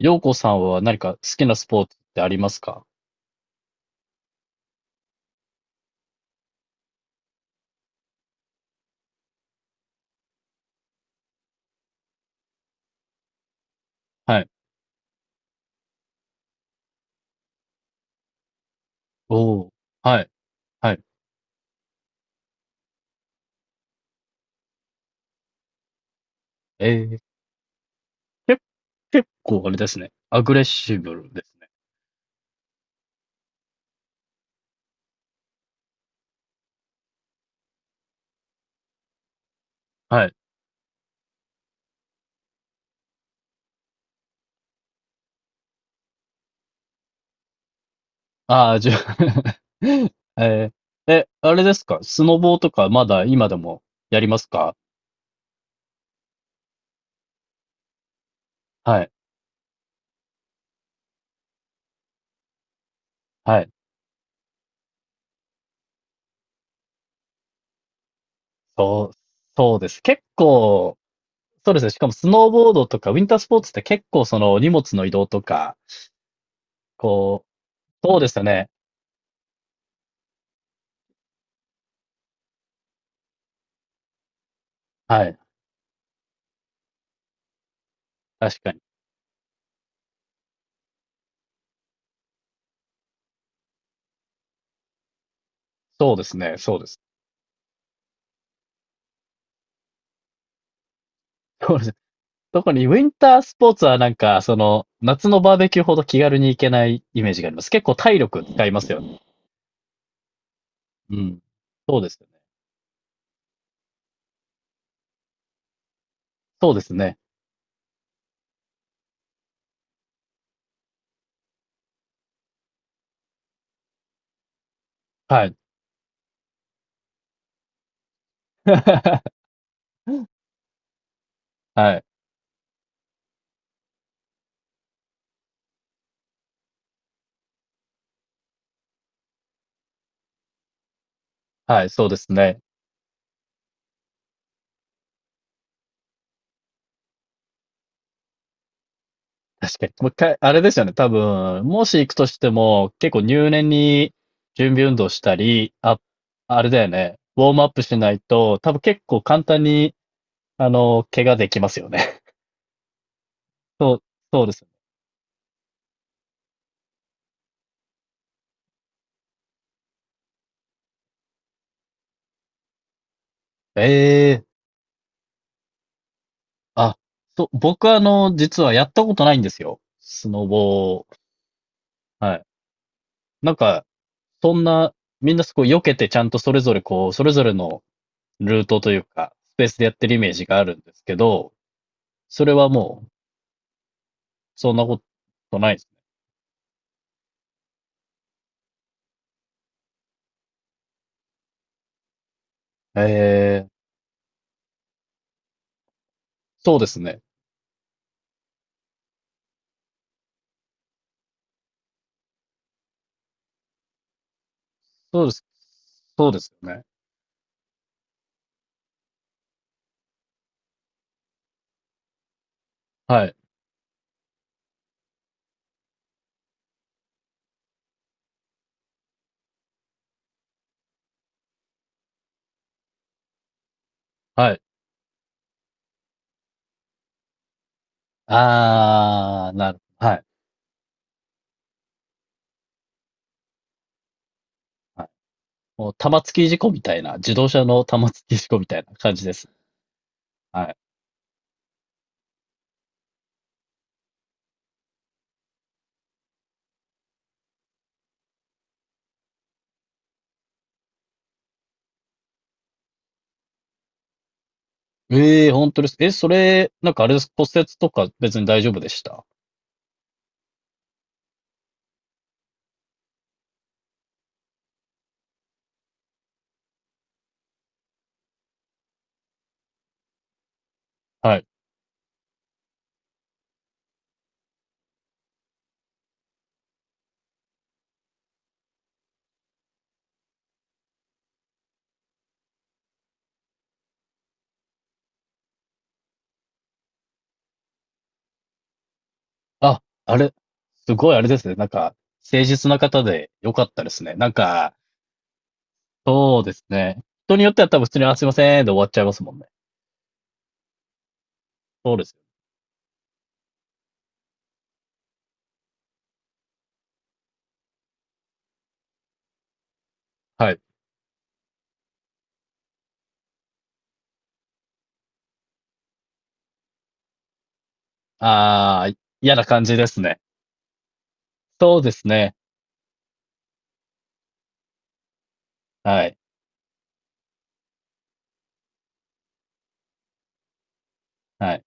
陽子さんは何か好きなスポーツってありますか？はい。おお。はい。はい。結構あれですね。アグレッシブルですね。はい。ああ、じゃあ えあれですかスノボーとかまだ今でもやりますか？はい。はい。そう、そうです。結構、そうですね。しかもスノーボードとかウィンタースポーツって結構その荷物の移動とか、こう、そうですね。はい。確かに。そうですね。そうです。そうです。特にウィンタースポーツはなんか、その、夏のバーベキューほど気軽に行けないイメージがあります。結構体力使いますよね。うん。そうですよね。そうですね。はい。はい。はい、そうですね。確かに。もう一回、あれですよね。多分、もし行くとしても、結構入念に準備運動したり、あ、あれだよね。ウォームアップしないと、多分結構簡単に、あの、怪我できますよね。そう、そうです。ええ、あ、そう、僕はあの、実はやったことないんですよ、スノボを。はい。なんか、そんな、みんなすごい避けてちゃんとそれぞれこう、それぞれのルートというか、スペースでやってるイメージがあるんですけど、それはもう、そんなことないですね。えー、そうですね。そうです。そうですよね。はい。はい。あー、なる。はい。はい。もう玉突き事故みたいな、自動車の玉突き事故みたいな感じです。はい。ええ、本当です。え、それ、なんかあれです。骨折とか別に大丈夫でした？はい。あ、あれ、すごいあれですね。なんか、誠実な方で良かったですね。なんか、そうですね。人によっては多分普通に、あ、すいません、で終わっちゃいますもんね。そうですよ。はい。ああ、嫌な感じですね。そうですね。はい。はい。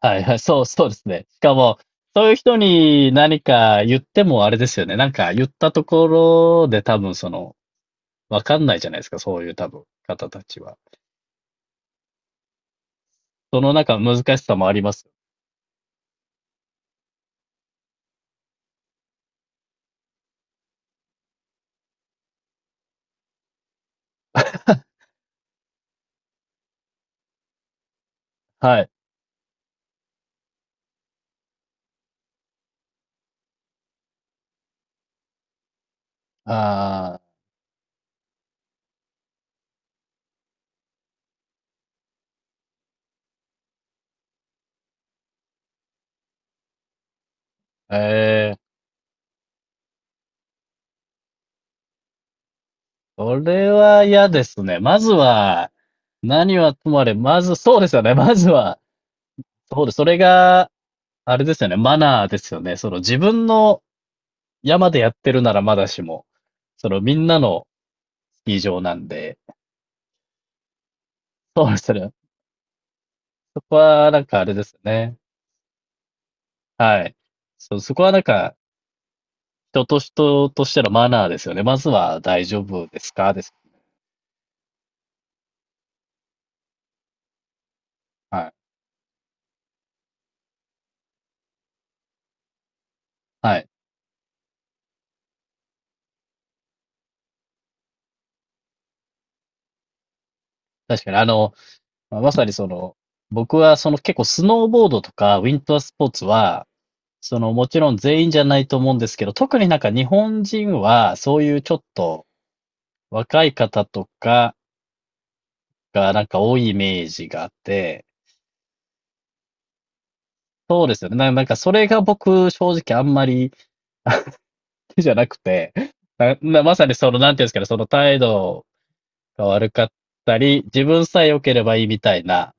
はい、はい、そう、そうですね。しかも、そういう人に何か言ってもあれですよね。なんか言ったところで多分その、わかんないじゃないですか、そういう多分方たちは。その中の難しさもあります。はい。ああ、ええ、それは嫌ですね。まずは、何はともあれ、まず、そうですよね。まずは、そうです。それが、あれですよね。マナーですよね。その自分の山でやってるならまだしも、そのみんなのスキー場なんで、そうですね。そこはなんかあれですね。はい。そう、そこはなんか、人と人としてのマナーですよね。まずは大丈夫ですかです。はい。はい。確かに、あの、まあ、まさにその、僕はその結構スノーボードとかウィンタースポーツは、そのもちろん全員じゃないと思うんですけど、特になんか日本人はそういうちょっと若い方とかがなんか多いイメージがあって、そうですよね。ななんかそれが僕正直あんまり手じゃなくて、ななまさにそのなんていうんですかね、その態度が悪かったり、自分さえ良ければいいみたいな。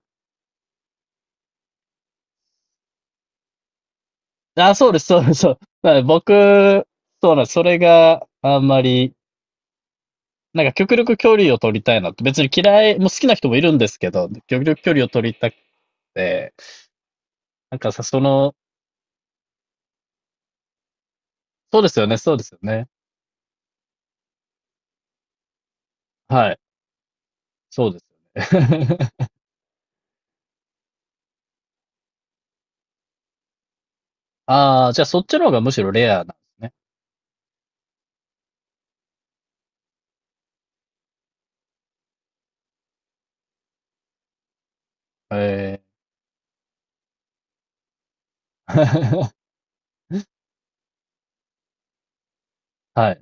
あ、そうです、そうです、そう。だから僕、そうなんです、それがあんまりなんか極力距離を取りたいなって、別に嫌い、もう好きな人もいるんですけど、極力距離を取りたくて、なんかさ、その、そうですよね、そうですよね。はい、そうですよね。ああ、じゃあそっちの方がむしろレアなんですね。えー はい、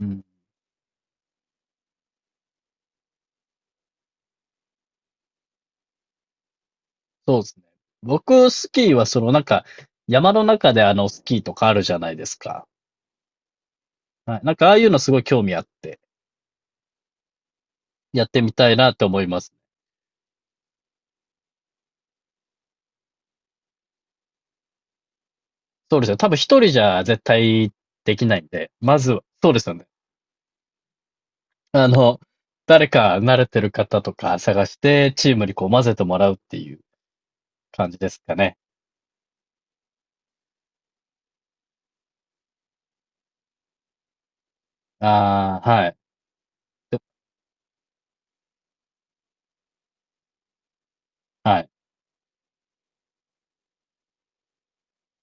うん、そうですね。僕、スキーはそのなんか、山の中であの、スキーとかあるじゃないですか。はい、なんかああいうのすごい興味あって、やってみたいなって思います。そうですよ。多分一人じゃ絶対できないんで、まずは、そうですよね。あの、誰か慣れてる方とか探して、チームにこう混ぜてもらうっていう感じですかね。ああ、はい。で、はい。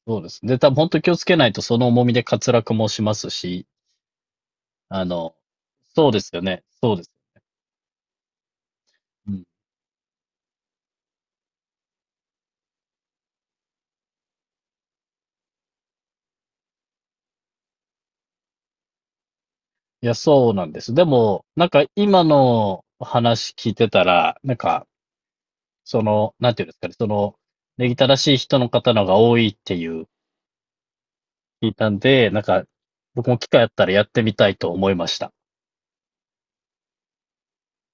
そうですね。で、多分本当気をつけないとその重みで滑落もしますし、あの、そうですよね。そうです。うん。いや、そうなんです。でも、なんか今の話聞いてたら、なんか、その、なんていうんですかね、その、礼儀正しい人の方の方が多いっていう聞いたんで、なんか、僕も機会あったらやってみたいと思いました。